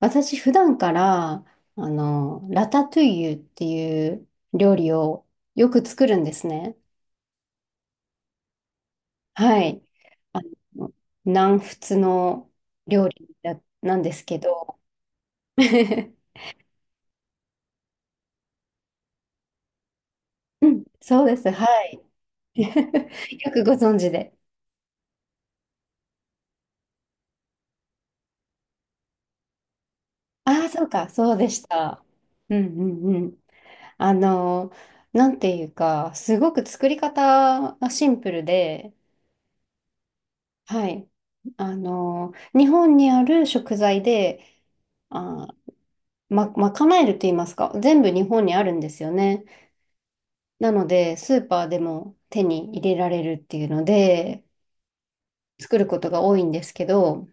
私普段から、ラタトゥイユっていう料理をよく作るんですね。はい。あの、南仏の料理だなんですけど。うんそうです。はい。よくご存知で。ああ、そうか。そうでした。うんうんうん。あの、なんていうか、すごく作り方がシンプルで、はい。日本にある食材で、あー、ま、賄えると言いますか、全部日本にあるんですよね。なので、スーパーでも手に入れられるっていうので、作ることが多いんですけど、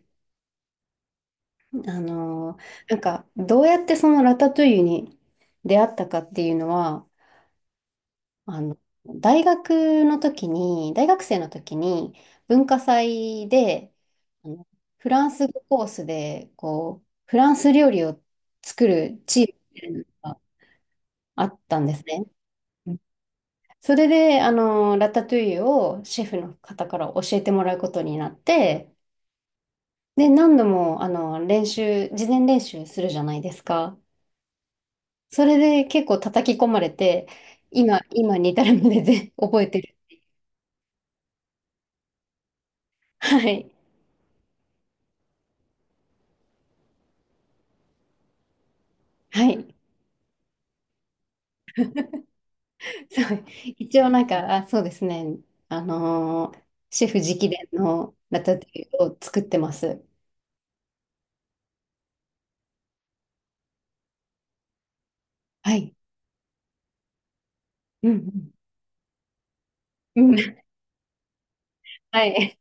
あのーなんか、どうやってそのラタトゥイユに出会ったかっていうのは、あの、大学生の時に、文化祭で、あのフランス語コースで、こう、フランス料理を作るチームがあったんですね。それで、ラタトゥイユをシェフの方から教えてもらうことになって、で、何度も、事前練習するじゃないですか。それで結構叩き込まれて、今に至るまでで 覚えてる。はい。はい。そう。一応なんか、あ、そうですね。あのーシェフ直伝のラタトゥイユを作ってます。はい。うん。うん。うんはい。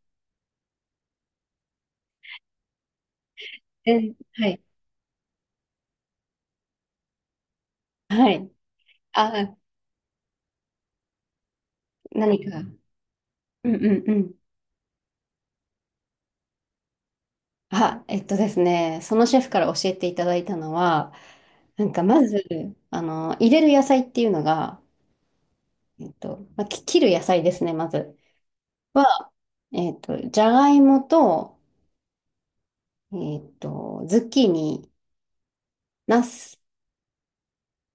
え、はい。はい。あ、何か。うんうんうん。あ、えっとですね、そのシェフから教えていただいたのは、なんかまず、入れる野菜っていうのが、まあ、切る野菜ですね、まずは、じゃがいもと、ズッキーニ、ナス、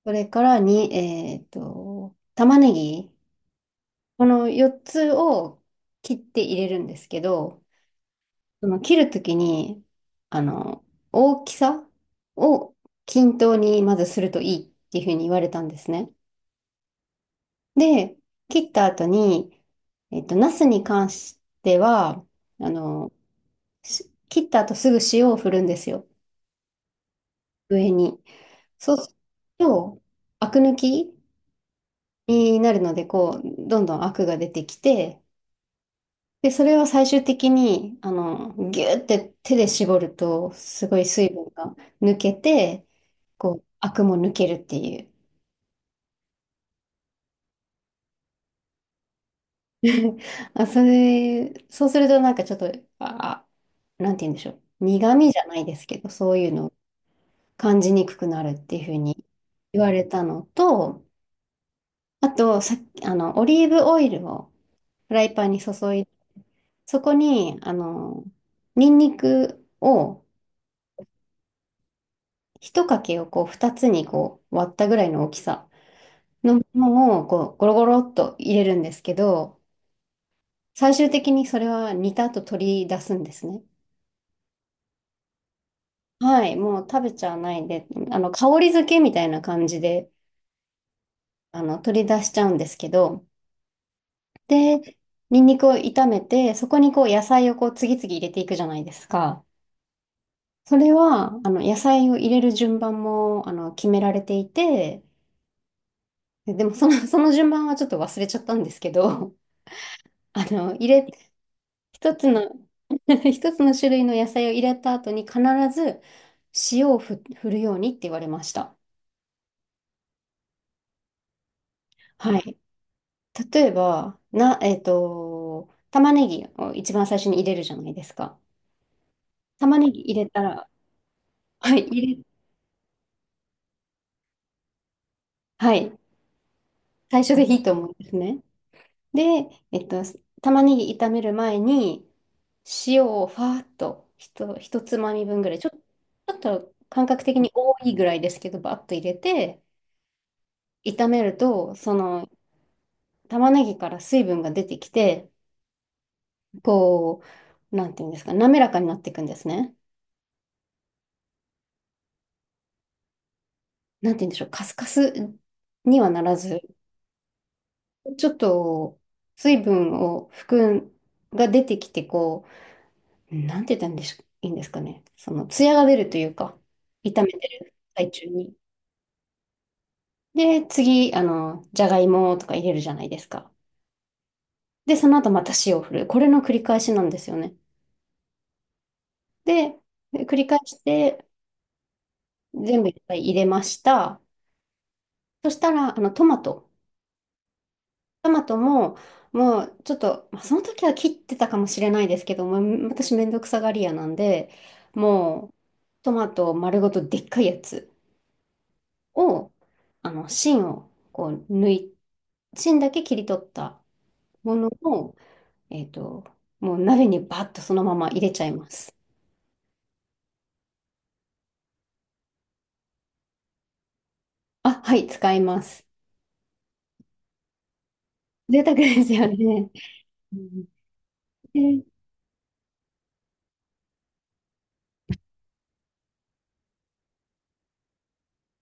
それからに、えっと、玉ねぎ、この4つを切って入れるんですけど、その切るときに、あの、大きさを均等にまずするといいっていうふうに言われたんですね。で、切った後に、ナスに関しては、あの、切った後すぐ塩を振るんですよ。上に。そうすると、アク抜きになるので、こう、どんどんアクが出てきて、で、それを最終的に、ギューって手で絞ると、すごい水分が抜けて、こう、アクも抜けるっていう。あ、それ、そうするとなんかちょっと、あ、なんて言うんでしょう。苦味じゃないですけど、そういうのを感じにくくなるっていうふうに言われたのと、あと、さっき、オリーブオイルをフライパンに注いで、そこに、ニンニクを一かけをこう二つにこう割ったぐらいの大きさのものをこうゴロゴロっと入れるんですけど、最終的にそれは煮た後取り出すんですね。はい、もう食べちゃわないで、あの香り付けみたいな感じで取り出しちゃうんですけど、で、ニンニクを炒めて、そこにこう野菜をこう次々入れていくじゃないですか。それはあの野菜を入れる順番もあの決められていて、でもその順番はちょっと忘れちゃったんですけど、あの、入れ、一つの 一つの種類の野菜を入れた後に必ず塩をふ、振るようにって言われました。はい。例えば、な、えっと、玉ねぎを一番最初に入れるじゃないですか。玉ねぎ入れたら、はい、入れ、はい、最初でいいと思うんですね。で、玉ねぎ炒める前に、塩をファーっと、一つまみ分ぐらい、ちょっと感覚的に多いぐらいですけど、バッと入れて、炒めると、その玉ねぎから水分が出てきて、こう、なんていうんですか、滑らかになっていくんですね。なんていうんでしょう、カスカスにはならず、ちょっと水分を含んが出てきて、こう、なんて言ったらいいんでしょいいんですかね。その、ツヤが出るというか、炒めてる最中に。で、次、じゃがいもとか入れるじゃないですか。で、その後また塩を振る。これの繰り返しなんですよね。で、で繰り返して、全部いっぱい入れました。そしたら、あの、トマト。トマトも、もう、ちょっと、まあ、その時は切ってたかもしれないですけども、私めんどくさがり屋なんで、もう、トマト丸ごとでっかいやつを、あの、芯を、こう、抜い、芯だけ切り取ったものを、えっと、もう鍋にバッとそのまま入れちゃいます。あ、はい、使います。贅沢ですよね。うんで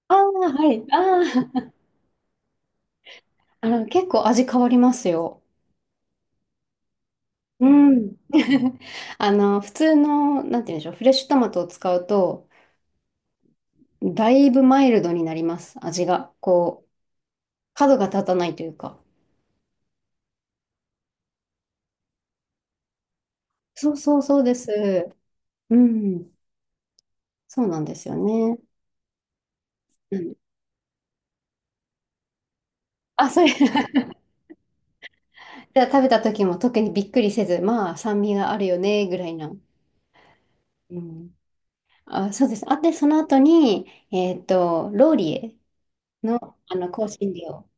ああ、はい、ああ。結構味変わりますよ。うん。普通の、なんて言うんでしょう、フレッシュトマトを使うと、だいぶマイルドになります、味が。こう、角が立たないというか。そうそうそうです。うん、そうなんですよね。うんあ、それ じゃあ食べた時も特にびっくりせず、まあ、酸味があるよね、ぐらいな。うん、あ、そうです。あ、で、その後に、ローリエの、香辛料。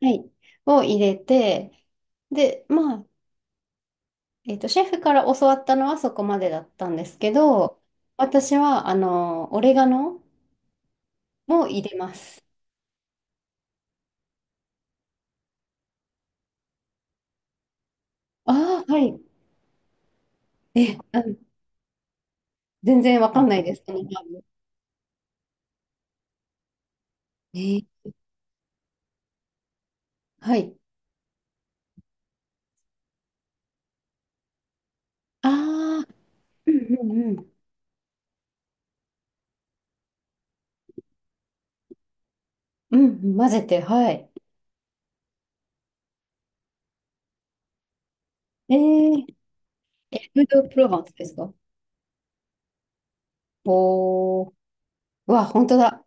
はい。を入れて、で、まあ、シェフから教わったのはそこまでだったんですけど、私は、オレガノも入れます。ああ、はい。え、うん、全然わかんないです、そのハーブ。えーはい。ああ、うんうんうん。うんうん、混ぜて、はい。えー、エルブ・ド・プロヴァンスですかおー、うわ、本当だ。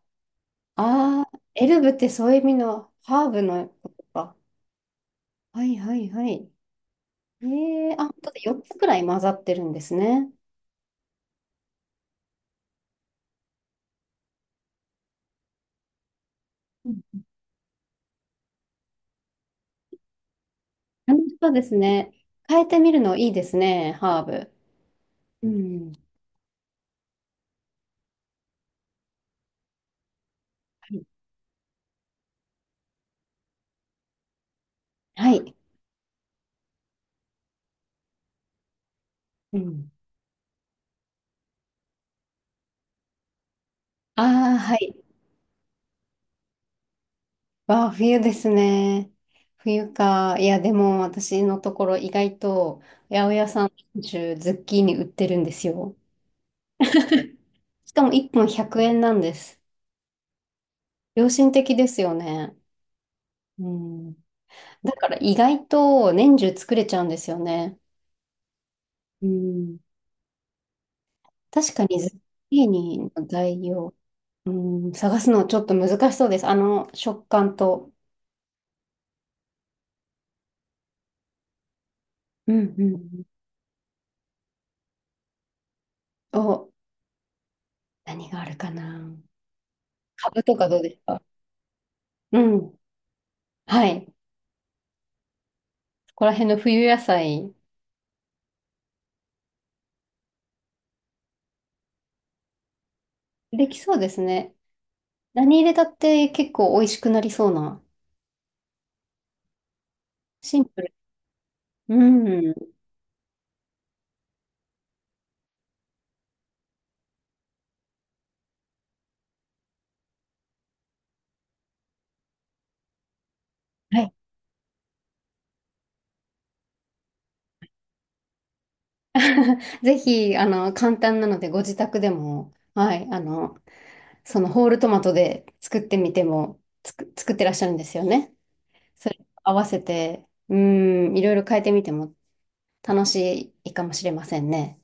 ああ、エルブってそういう意味のハーブのことか。はいはいはい。ええあ、本当で4つくらい混ざってるんですね。うん楽しそうですね。変えてみるのいいですね、ハーブ。うん。はいはい。うん。ああ、はい。わあ、冬ですね。冬か。いや、でも私のところ意外と八百屋さん中ズッキーニ売ってるんですよ。しかも1本100円なんです。良心的ですよね。うん。だから意外と年中作れちゃうんですよね。うん。確かにズッキーニの材料、うん、探すのちょっと難しそうです。あの食感と。うんうんうん。お、何があるかな。カブとかどうですかうん。はい。そこら辺の冬野菜、できそうですね。何入れたって結構美味しくなりそうな。シンプル。うん。はい。ぜひ、簡単なので、ご自宅でも、はい、そのホールトマトで作ってみても、作ってらっしゃるんですよね。それ合わせて、うん、いろいろ変えてみても楽しいかもしれませんね。